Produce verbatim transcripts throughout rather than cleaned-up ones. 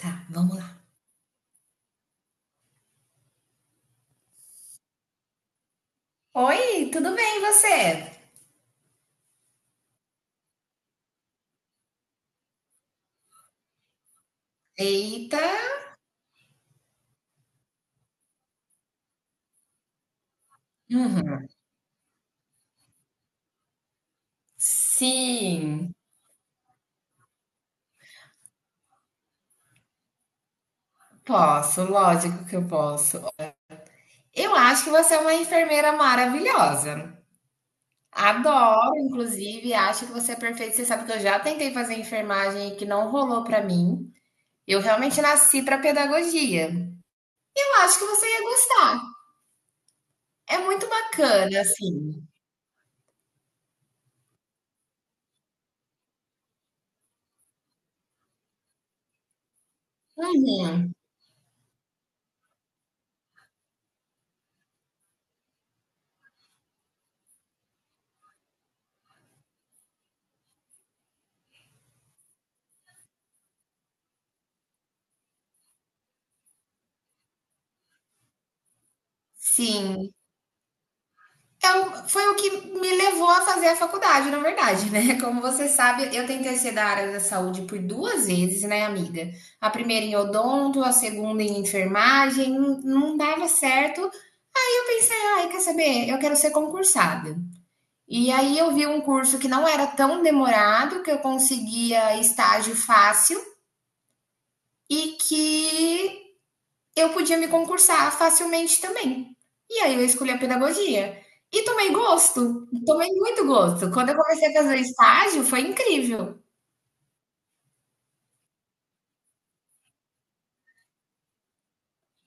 Tá, vamos lá. Oi, tudo bem e você? Eita! Uhum. Sim, posso, lógico que eu posso. Eu acho que você é uma enfermeira maravilhosa. Adoro, inclusive, acho que você é perfeita. Você sabe que eu já tentei fazer enfermagem e que não rolou pra mim. Eu realmente nasci pra pedagogia. Eu acho que você ia gostar. É muito bacana, assim. Uhum. Sim. É o- foi o que me levou a fazer a faculdade, na verdade, né? Como você sabe, eu tentei ser da área da saúde por duas vezes, né, amiga? A primeira em odonto, a segunda em enfermagem, não não dava certo. E eu pensei, ai, quer saber? Eu quero ser concursada. E aí eu vi um curso que não era tão demorado, que eu conseguia estágio fácil e que eu podia me concursar facilmente também. E aí eu escolhi a pedagogia. E tomei gosto, tomei muito gosto. Quando eu comecei a fazer o estágio, foi incrível.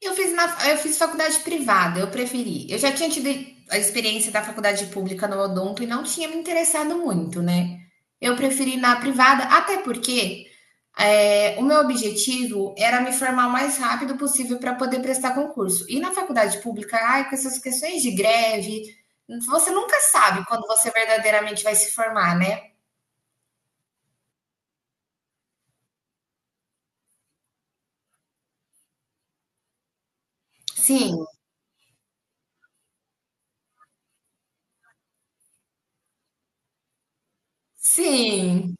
Eu fiz, na, eu fiz faculdade privada, eu preferi. Eu já tinha tido a experiência da faculdade pública no Odonto e não tinha me interessado muito, né? Eu preferi ir na privada, até porque é, o meu objetivo era me formar o mais rápido possível para poder prestar concurso. E na faculdade pública, ai, com essas questões de greve, você nunca sabe quando você verdadeiramente vai se formar, né? Sim, sim.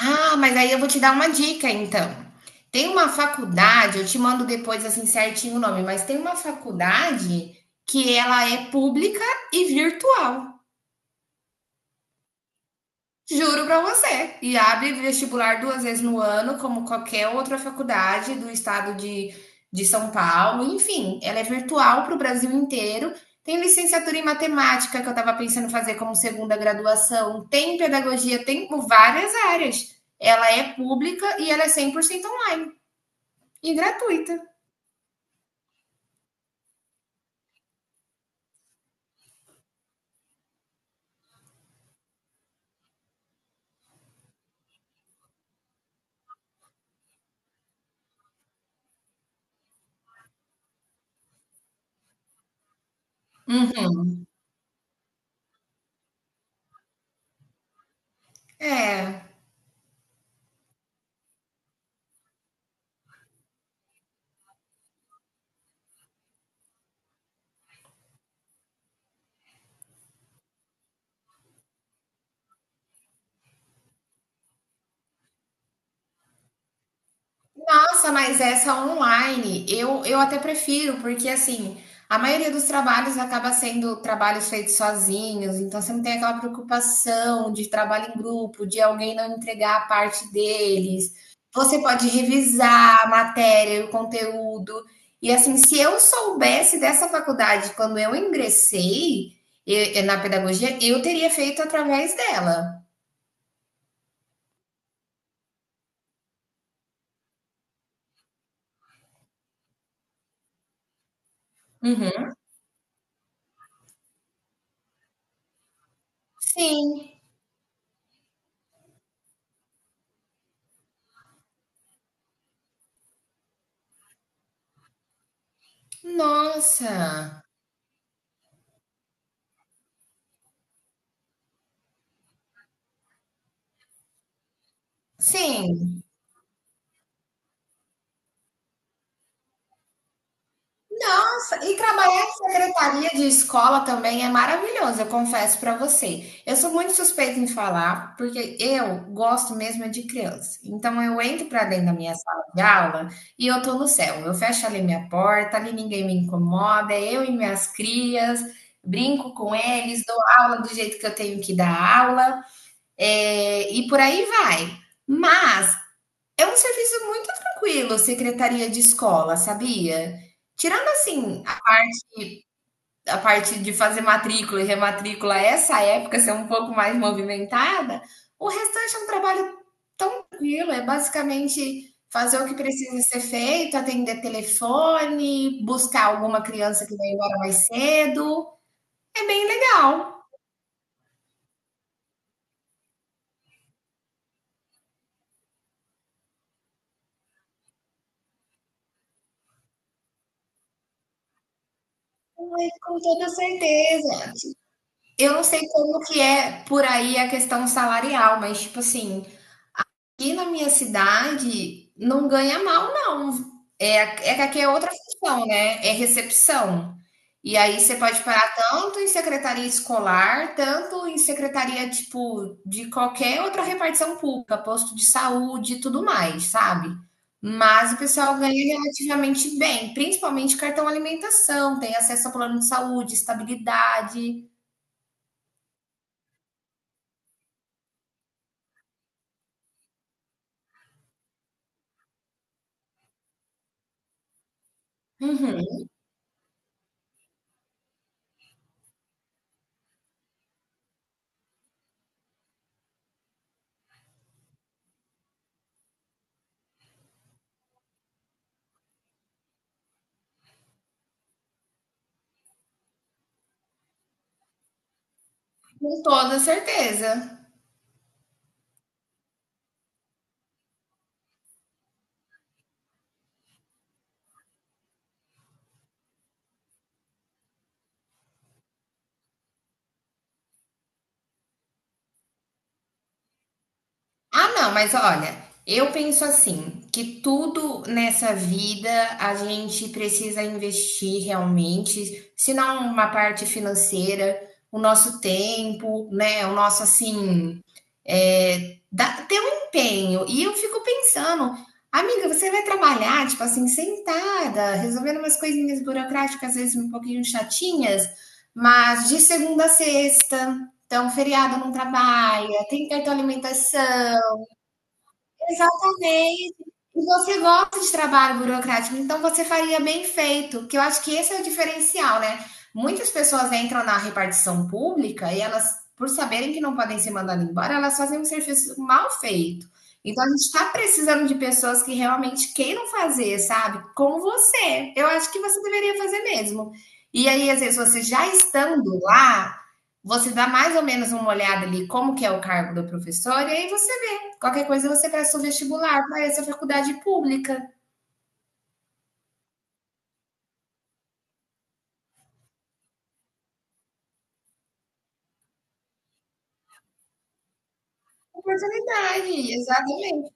Ah, mas aí eu vou te dar uma dica, então. Tem uma faculdade, eu te mando depois assim certinho o nome, mas tem uma faculdade que ela é pública e virtual. Juro para você. E abre vestibular duas vezes no ano, como qualquer outra faculdade do estado de, de São Paulo. Enfim, ela é virtual para o Brasil inteiro. Tem licenciatura em matemática, que eu estava pensando em fazer como segunda graduação. Tem pedagogia, tem por várias áreas. Ela é pública e ela é cem por cento online e gratuita. Uhum. É. Nossa, mas essa online, eu, eu até prefiro, porque assim, a maioria dos trabalhos acaba sendo trabalhos feitos sozinhos, então você não tem aquela preocupação de trabalho em grupo, de alguém não entregar a parte deles. Você pode revisar a matéria e o conteúdo. E assim, se eu soubesse dessa faculdade quando eu ingressei eh, na pedagogia, eu teria feito através dela. Uhum. Sim, nossa. Sim. Nossa, e trabalhar em secretaria de escola também é maravilhoso, eu confesso para você. Eu sou muito suspeita em falar, porque eu gosto mesmo é de criança. Então eu entro para dentro da minha sala de aula e eu tô no céu. Eu fecho ali minha porta, ali ninguém me incomoda, é eu e minhas crias, brinco com eles, dou aula do jeito que eu tenho que dar aula, eh, e por aí vai. Mas é um serviço muito tranquilo, secretaria de escola, sabia? Tirando assim, a parte de fazer matrícula e rematrícula, essa época ser um pouco mais movimentada, o restante é um trabalho tão tranquilo, é basicamente fazer o que precisa ser feito, atender telefone, buscar alguma criança que vai embora mais cedo. É bem legal. Com toda certeza. Eu não sei como que é por aí a questão salarial, mas tipo assim, aqui na minha cidade não ganha mal não. É, é que aqui é outra função, né, é recepção. E aí você pode parar tanto em secretaria escolar, tanto em secretaria, tipo, de qualquer outra repartição pública, posto de saúde e tudo mais, sabe. Mas o pessoal ganha relativamente bem, principalmente cartão alimentação, tem acesso a plano de saúde, estabilidade. Uhum, com toda certeza. Ah, não, mas olha, eu penso assim, que tudo nessa vida a gente precisa investir realmente, se não uma parte financeira, o nosso tempo, né? O nosso assim, é, dá- ter um empenho. E eu fico pensando, amiga, você vai trabalhar, tipo assim, sentada, resolvendo umas coisinhas burocráticas, às vezes um pouquinho chatinhas, mas de segunda a sexta, então feriado não trabalha, tem cartão alimentação. Exatamente. E você gosta de trabalho burocrático, então você faria bem feito, que eu acho que esse é o diferencial, né? Muitas pessoas entram na repartição pública e elas, por saberem que não podem ser mandadas embora, elas fazem um serviço mal feito. Então a gente está precisando de pessoas que realmente queiram fazer, sabe? Como você. Eu acho que você deveria fazer mesmo. E aí, às vezes, você já estando lá, você dá mais ou menos uma olhada ali como que é o cargo do professor, e aí você qualquer coisa você presta o vestibular para essa faculdade pública. Oportunidade, exatamente.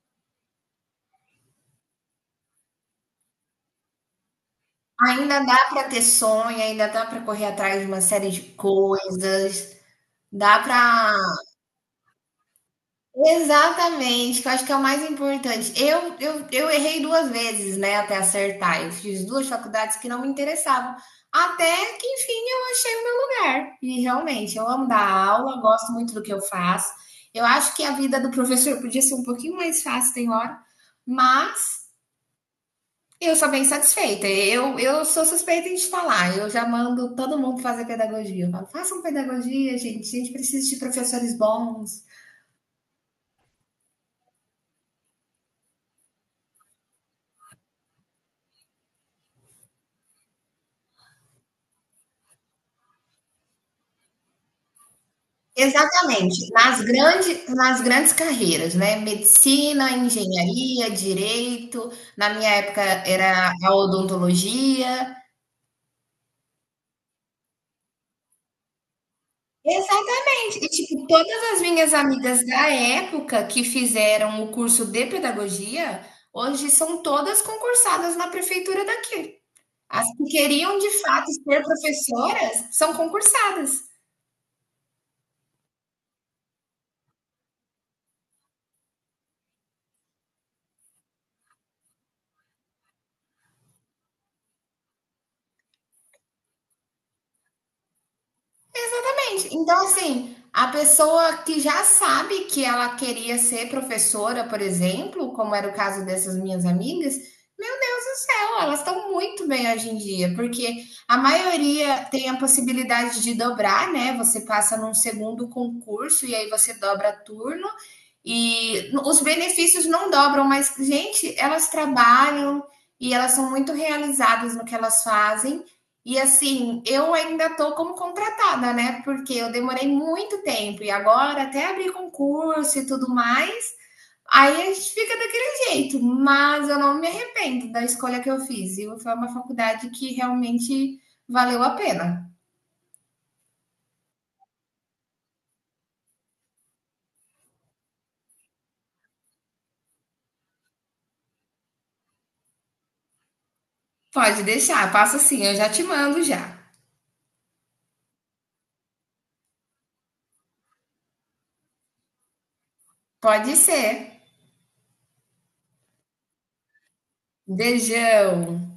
Ainda dá para ter sonho, ainda dá para correr atrás de uma série de coisas, dá para exatamente, que eu acho que é o mais importante. Eu, eu, eu errei duas vezes, né, até acertar. Eu fiz duas faculdades que não me interessavam. Até que, enfim, eu achei o meu lugar. E realmente, eu amo dar aula, gosto muito do que eu faço. Eu acho que a vida do professor podia ser um pouquinho mais fácil, tem hora, mas eu sou bem satisfeita. Eu, eu sou suspeita de falar. Eu já mando todo mundo fazer pedagogia. Eu falo, façam pedagogia, gente. A gente precisa de professores bons. Exatamente. Nas grandes nas grandes carreiras, né? Medicina, engenharia, direito. Na minha época era a odontologia. Exatamente. E, tipo, todas as minhas amigas da época que fizeram o curso de pedagogia, hoje são todas concursadas na prefeitura daqui. As que queriam de fato ser professoras são concursadas. Exatamente. Então, assim, a pessoa que já sabe que ela queria ser professora, por exemplo, como era o caso dessas minhas amigas, meu Deus do céu, elas estão muito bem hoje em dia, porque a maioria tem a possibilidade de dobrar, né? Você passa num segundo concurso e aí você dobra turno. E os benefícios não dobram, mas, gente, elas trabalham e elas são muito realizadas no que elas fazem. E assim, eu ainda tô como contratada, né? Porque eu demorei muito tempo e agora até abrir concurso e tudo mais, aí a gente fica daquele jeito. Mas eu não me arrependo da escolha que eu fiz. E foi uma faculdade que realmente valeu a pena. Pode deixar, passa assim, eu já te mando já. Pode ser. Beijão.